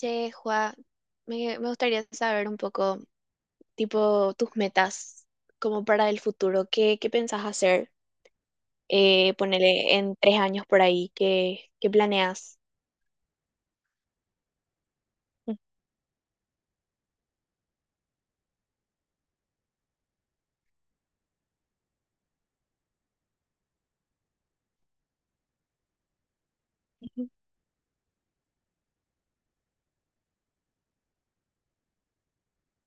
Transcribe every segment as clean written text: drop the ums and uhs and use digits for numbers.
Che, Juan, me gustaría saber un poco, tipo, tus metas como para el futuro. ¿Qué, qué pensás hacer? Ponele en tres años por ahí. ¿Qué, qué planeas? Mm. Ujú.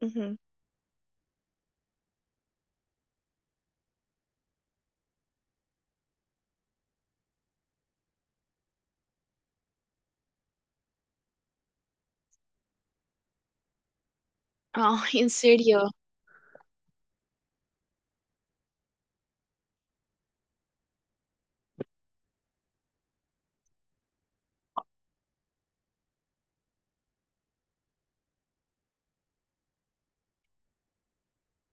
Ujú. Ah, ¿en serio?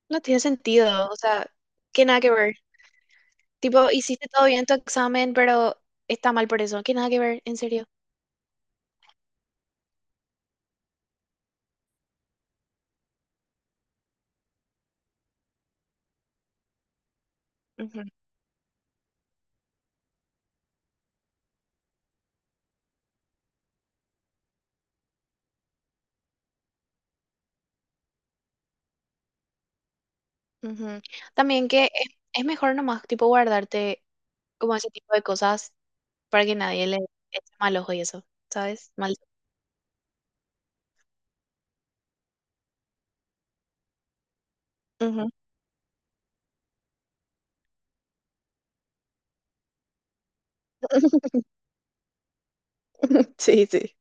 No tiene sentido. O sea, que nada que ver. Tipo, hiciste todo bien tu examen, pero está mal por eso. Que nada que ver, en serio. Ujú. También que es mejor nomás, tipo, guardarte como ese tipo de cosas para que nadie le eche mal ojo y eso, ¿sabes? Mal. Ujú. Sí, sí.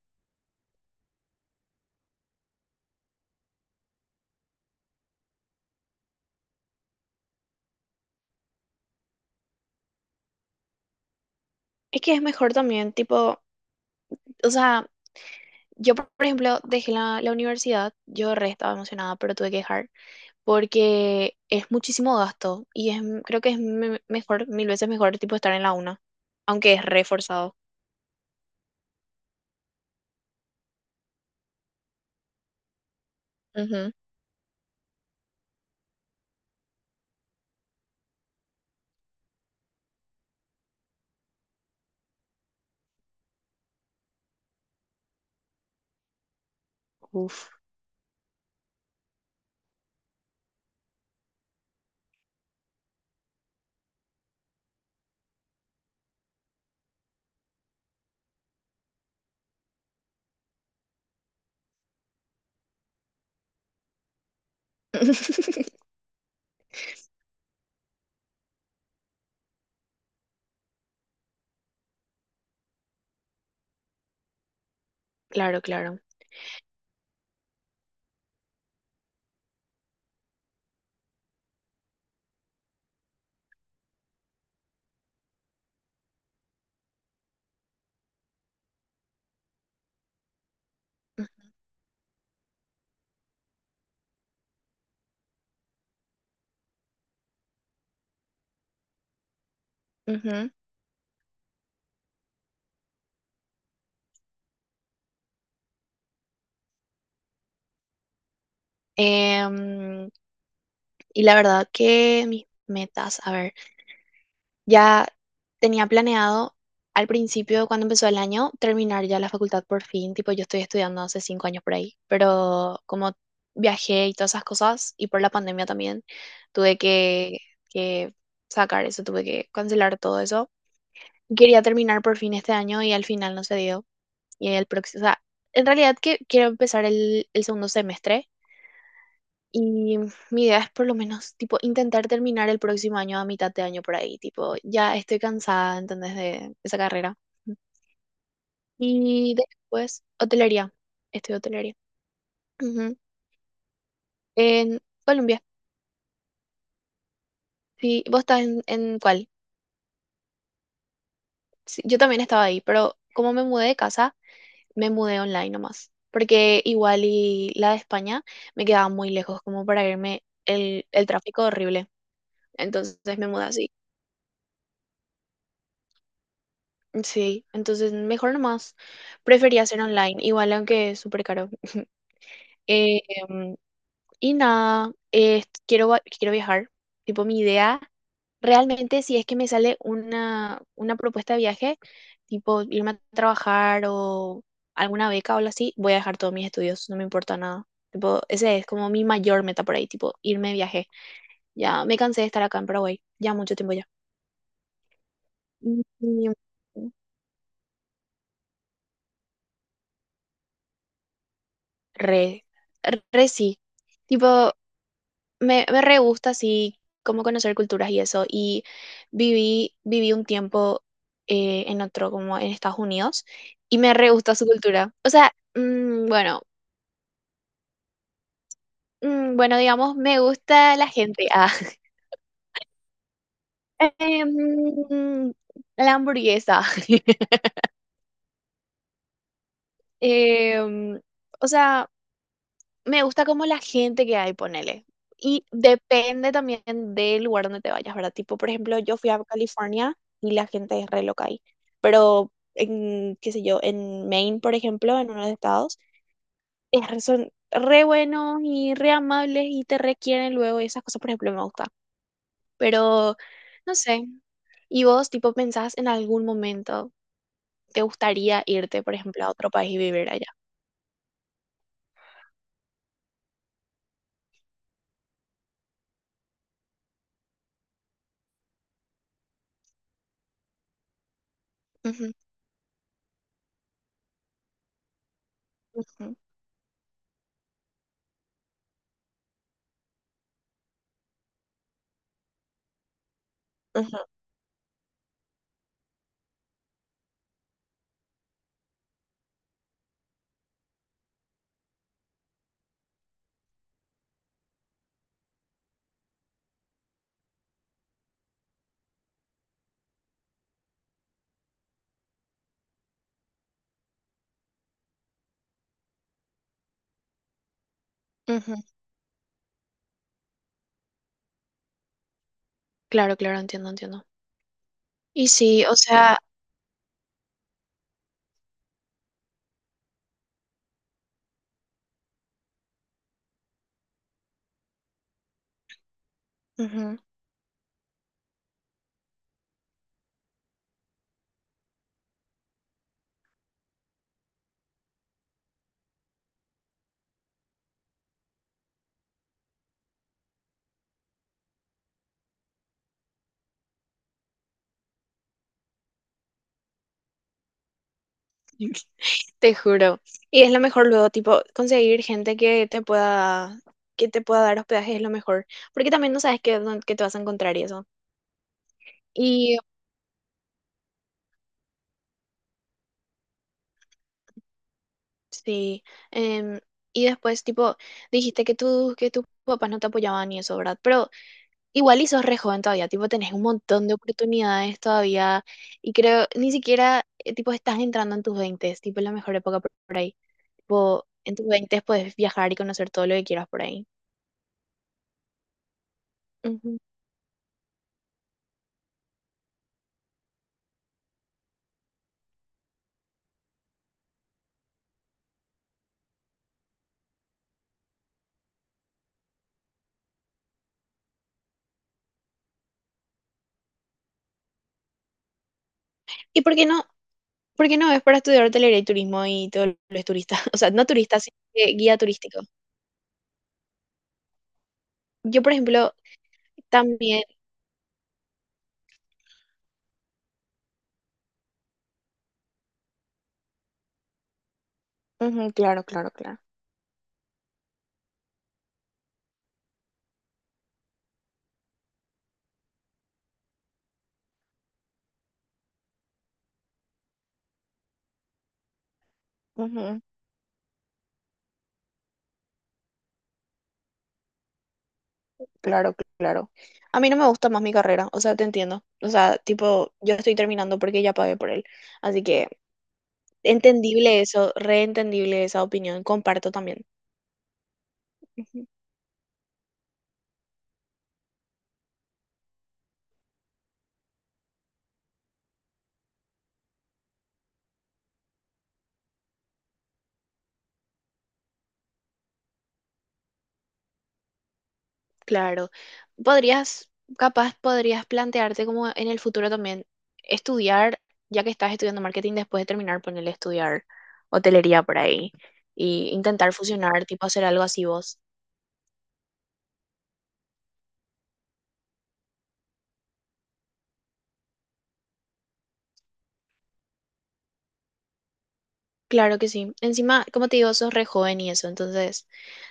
Es que es mejor también, tipo, o sea, yo por ejemplo dejé la, la universidad, yo re estaba emocionada, pero tuve que dejar porque es muchísimo gasto y es, creo que es mejor, mil veces mejor, tipo, estar en la una, aunque es reforzado. Ujú. Uf. Claro, claro. Ujú. Em, Y la verdad que mis metas, a ver, ya tenía planeado al principio, cuando empezó el año, terminar ya la facultad por fin, tipo yo estoy estudiando hace 5 años por ahí, pero como viajé y todas esas cosas, y por la pandemia también, tuve que sacar eso, tuve que cancelar todo eso. Quería terminar por fin este año y al final no se dio. Y el próximo, o sea, en realidad que quiero empezar el segundo semestre y mi idea es por lo menos, tipo, intentar terminar el próximo año a mitad de año por ahí. Tipo, ya estoy cansada, ¿entendés? De esa carrera. Y después, hotelería. Estudio hotelería. Ujú. En Colombia. Sí, ¿vos estás en cuál? Sí, yo también estaba ahí, pero como me mudé de casa, me mudé online nomás. Porque igual y la de España me quedaba muy lejos, como para irme el tráfico horrible. Entonces me mudé así. Sí, entonces mejor nomás. Prefería hacer online, igual aunque es súper caro. Eh, em, y nada, quiero, quiero viajar. Tipo, mi idea, realmente si es que me sale una propuesta de viaje, tipo irme a trabajar o alguna beca o algo así, voy a dejar todos mis estudios, no me importa nada. Tipo, ese es como mi mayor meta por ahí, tipo, irme de viaje. Ya me cansé de estar acá en Paraguay, ya mucho tiempo ya. Y- y- Re, re sí. Tipo, me re gusta así como conocer culturas y eso. Y viví, viví un tiempo en otro, como en Estados Unidos, y me re gusta su cultura. O sea, mm, bueno, digamos, me gusta la gente. Ah, Em, la hamburguesa. Em, o sea, me gusta como la gente que hay, ponele. Y depende también del lugar donde te vayas, ¿verdad? Tipo, por ejemplo, yo fui a California y la gente es re loca ahí. Pero en, qué sé yo, en Maine, por ejemplo, en uno de los estados, es son re buenos y re amables y te requieren luego y esas cosas, por ejemplo, me gusta. Pero, no sé. ¿Y vos, tipo, pensás en algún momento, te gustaría irte, por ejemplo, a otro país y vivir allá? Ujú, ujú, ujú, ujú. Claro, claro, entiendo, entiendo. Y sí, o sea, ujú. Te juro. Y es lo mejor luego, tipo, conseguir gente que te pueda dar hospedaje es lo mejor. Porque también no sabes qué, dónde- qué te vas a encontrar y eso. Y sí. em, y después, tipo, dijiste que tus papás no te apoyaban y eso, ¿verdad? Pero igual y sos re joven todavía, tipo, tenés un montón de oportunidades todavía. Y creo, ni siquiera, tipo, estás entrando en tus veintes tipo, es la mejor época por ahí. Tipo, en tus veintes puedes viajar y conocer todo lo que quieras por ahí. Ujú. ¿Y por qué no? Porque no, es para estudiar hotelería y turismo y todos los turistas. O sea, no turistas sino que guía turístico. Yo, por ejemplo, también. Ujú, claro, claro, claro. Ujú, claro, claro. A mí no me gusta más mi carrera, o sea, te entiendo. O sea, tipo, yo estoy terminando porque ya pagué por él. Así que entendible eso, reentendible esa opinión, comparto también. Claro. Podrías, capaz podrías plantearte como en el futuro también estudiar, ya que estás estudiando marketing después de terminar, ponerle estudiar hotelería por ahí y intentar fusionar, tipo hacer algo así vos. Claro que sí. Encima, como te digo, sos re joven y eso, entonces,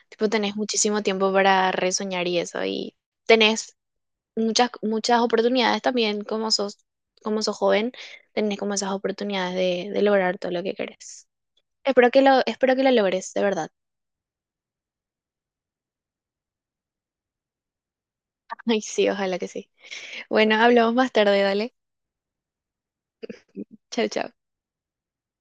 tipo, tenés muchísimo tiempo para resoñar y eso y tenés muchas oportunidades también como sos joven, tenés como esas oportunidades de lograr todo lo que querés. Espero que lo logres, de verdad. Ay, sí, ojalá que sí. Bueno, hablamos más tarde, dale. Chau, chau.